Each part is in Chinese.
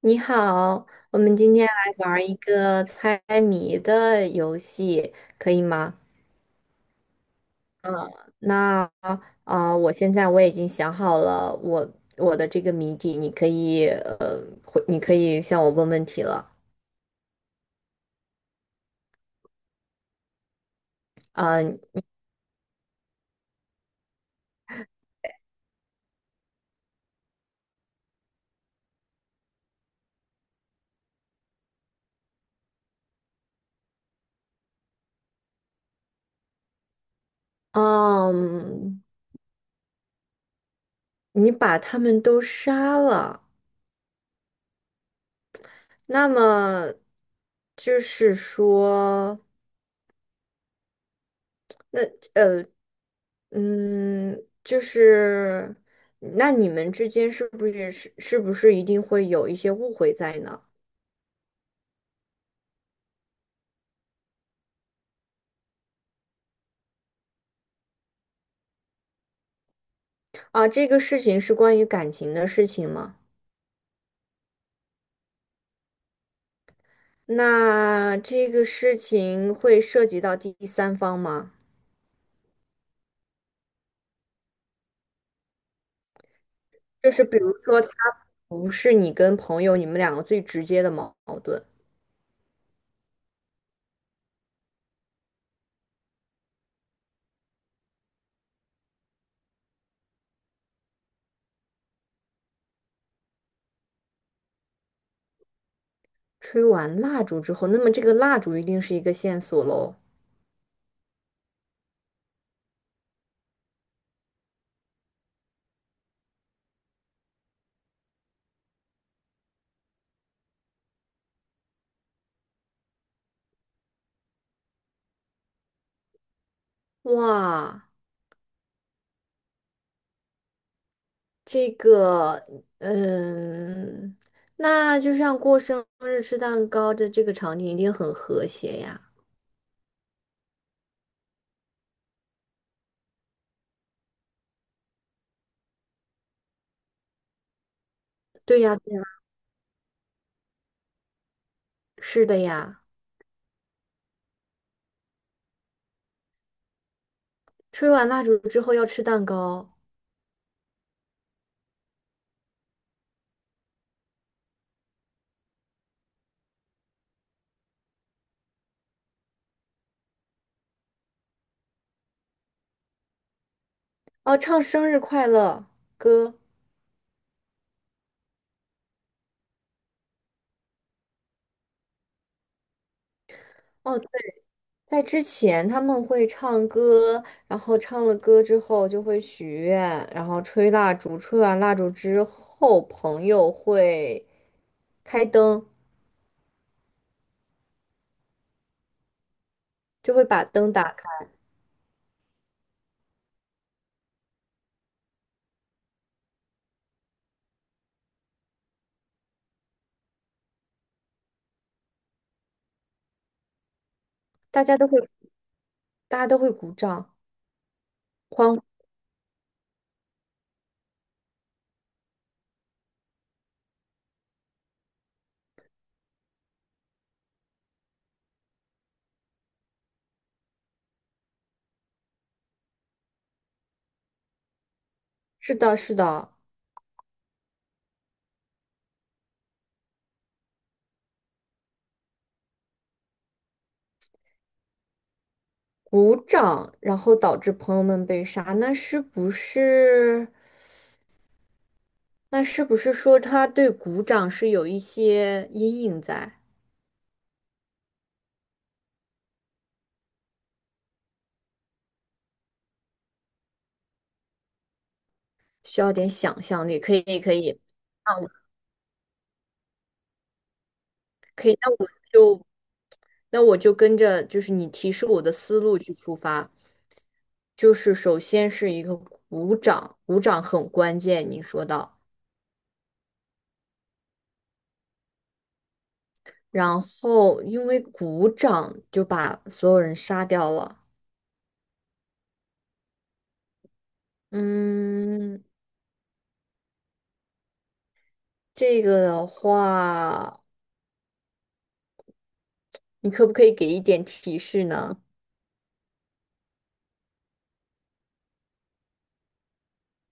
你好，我们今天来玩儿一个猜谜的游戏，可以吗？嗯，那啊、呃我现在我已经想好了我的这个谜底，你可以你可以向我问问题了。嗯、嗯，你把他们都杀了，那么就是说，那呃。就是，那你们之间是不是一定会有一些误会在呢？啊，这个事情是关于感情的事情吗？那这个事情会涉及到第三方吗？就是比如说，他不是你跟朋友你们两个最直接的矛盾。吹完蜡烛之后，那么这个蜡烛一定是一个线索喽。哇。这个，嗯，那就像过生日吃蛋糕的这个场景一定很和谐呀。对呀，对呀，是的呀。吹完蜡烛之后要吃蛋糕，哦，唱生日快乐歌。哦，对，在之前他们会唱歌，然后唱了歌之后就会许愿，然后吹蜡烛，吹完蜡烛之后，朋友会开灯，就会把灯打开，大家都会，大家都会鼓掌。欢呼。是的，是的，鼓掌，然后导致朋友们被杀，那是不是？那是不是说他对鼓掌是有一些阴影在，需要点想象力？可以，可以。啊，那我就那我就跟着就是你提示我的思路去出发，就是首先是一个鼓掌，鼓掌很关键，你说到，然后因为鼓掌就把所有人杀掉了。嗯，这个的话，你可不可以给一点提示呢？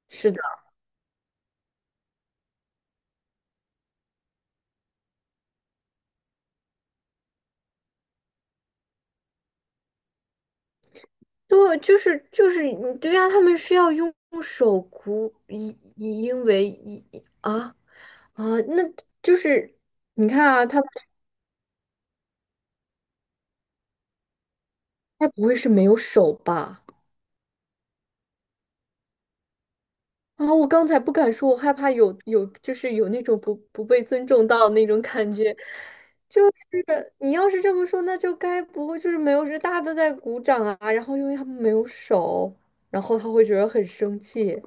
是的，对，对呀、他们是要用手鼓，因因为一啊啊，那就是你看啊，他不会是没有手吧？啊，我刚才不敢说，我害怕有就是有那种不被尊重到那种感觉。是你要是这么说，那就该不会就是没有人大家都在鼓掌啊？然后因为他们没有手，然后他会觉得很生气。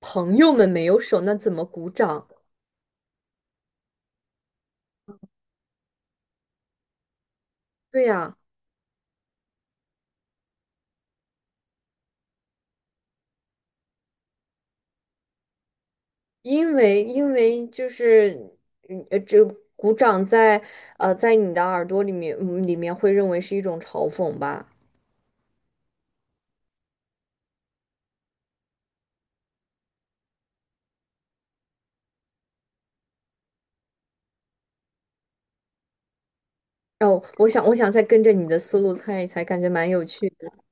朋友们没有手，那怎么鼓掌？对呀，因为就是这鼓掌在你的耳朵里面里面会认为是一种嘲讽吧。哦，我想再跟着你的思路猜一猜，感觉蛮有趣的。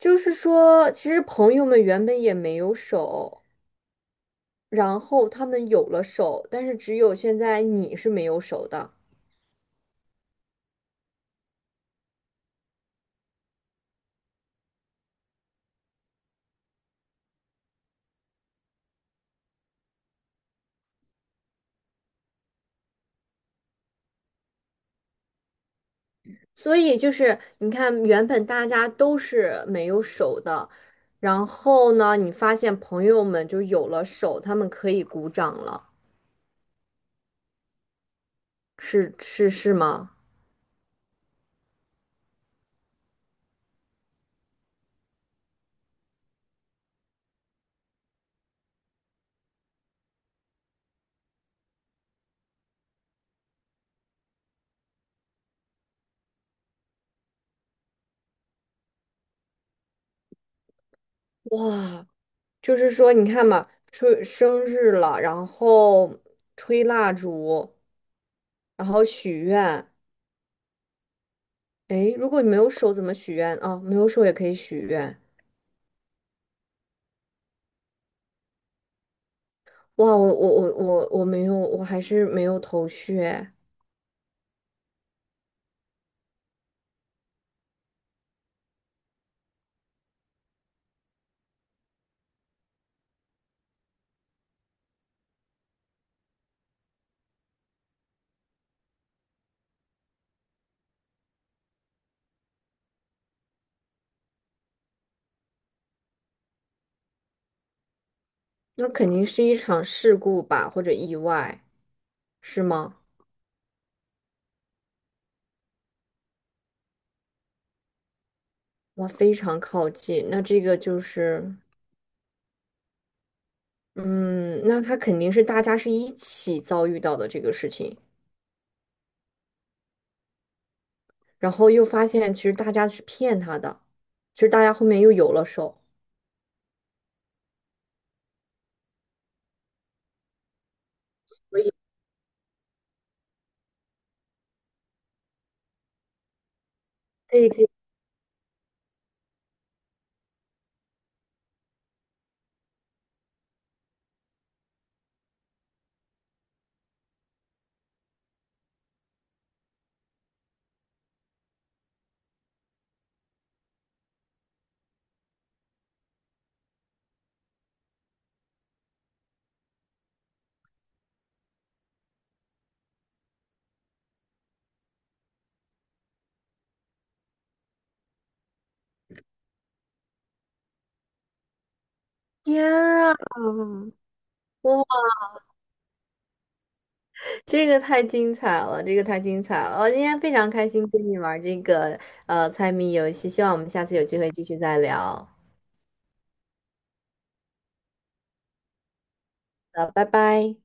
就是说，其实朋友们原本也没有手。然后他们有了手，但是只有现在你是没有手的。所以就是你看，原本大家都是没有手的，然后呢，你发现朋友们就有了手，他们可以鼓掌了，是吗？哇，就是说你看嘛，吹生日了，然后吹蜡烛，然后许愿。诶，如果你没有手怎么许愿啊？没有手也可以许愿。哇，我没有，我还是没有头绪哎。那肯定是一场事故吧，或者意外，是吗？哇，非常靠近。那这个就是，嗯，那他肯定是大家是一起遭遇到的这个事情，然后又发现其实大家是骗他的，其实大家后面又有了手，所以可以可以。天啊！哇，这个太精彩了，这个太精彩了！我今天非常开心跟你玩这个猜谜游戏，希望我们下次有机会继续再聊。拜拜。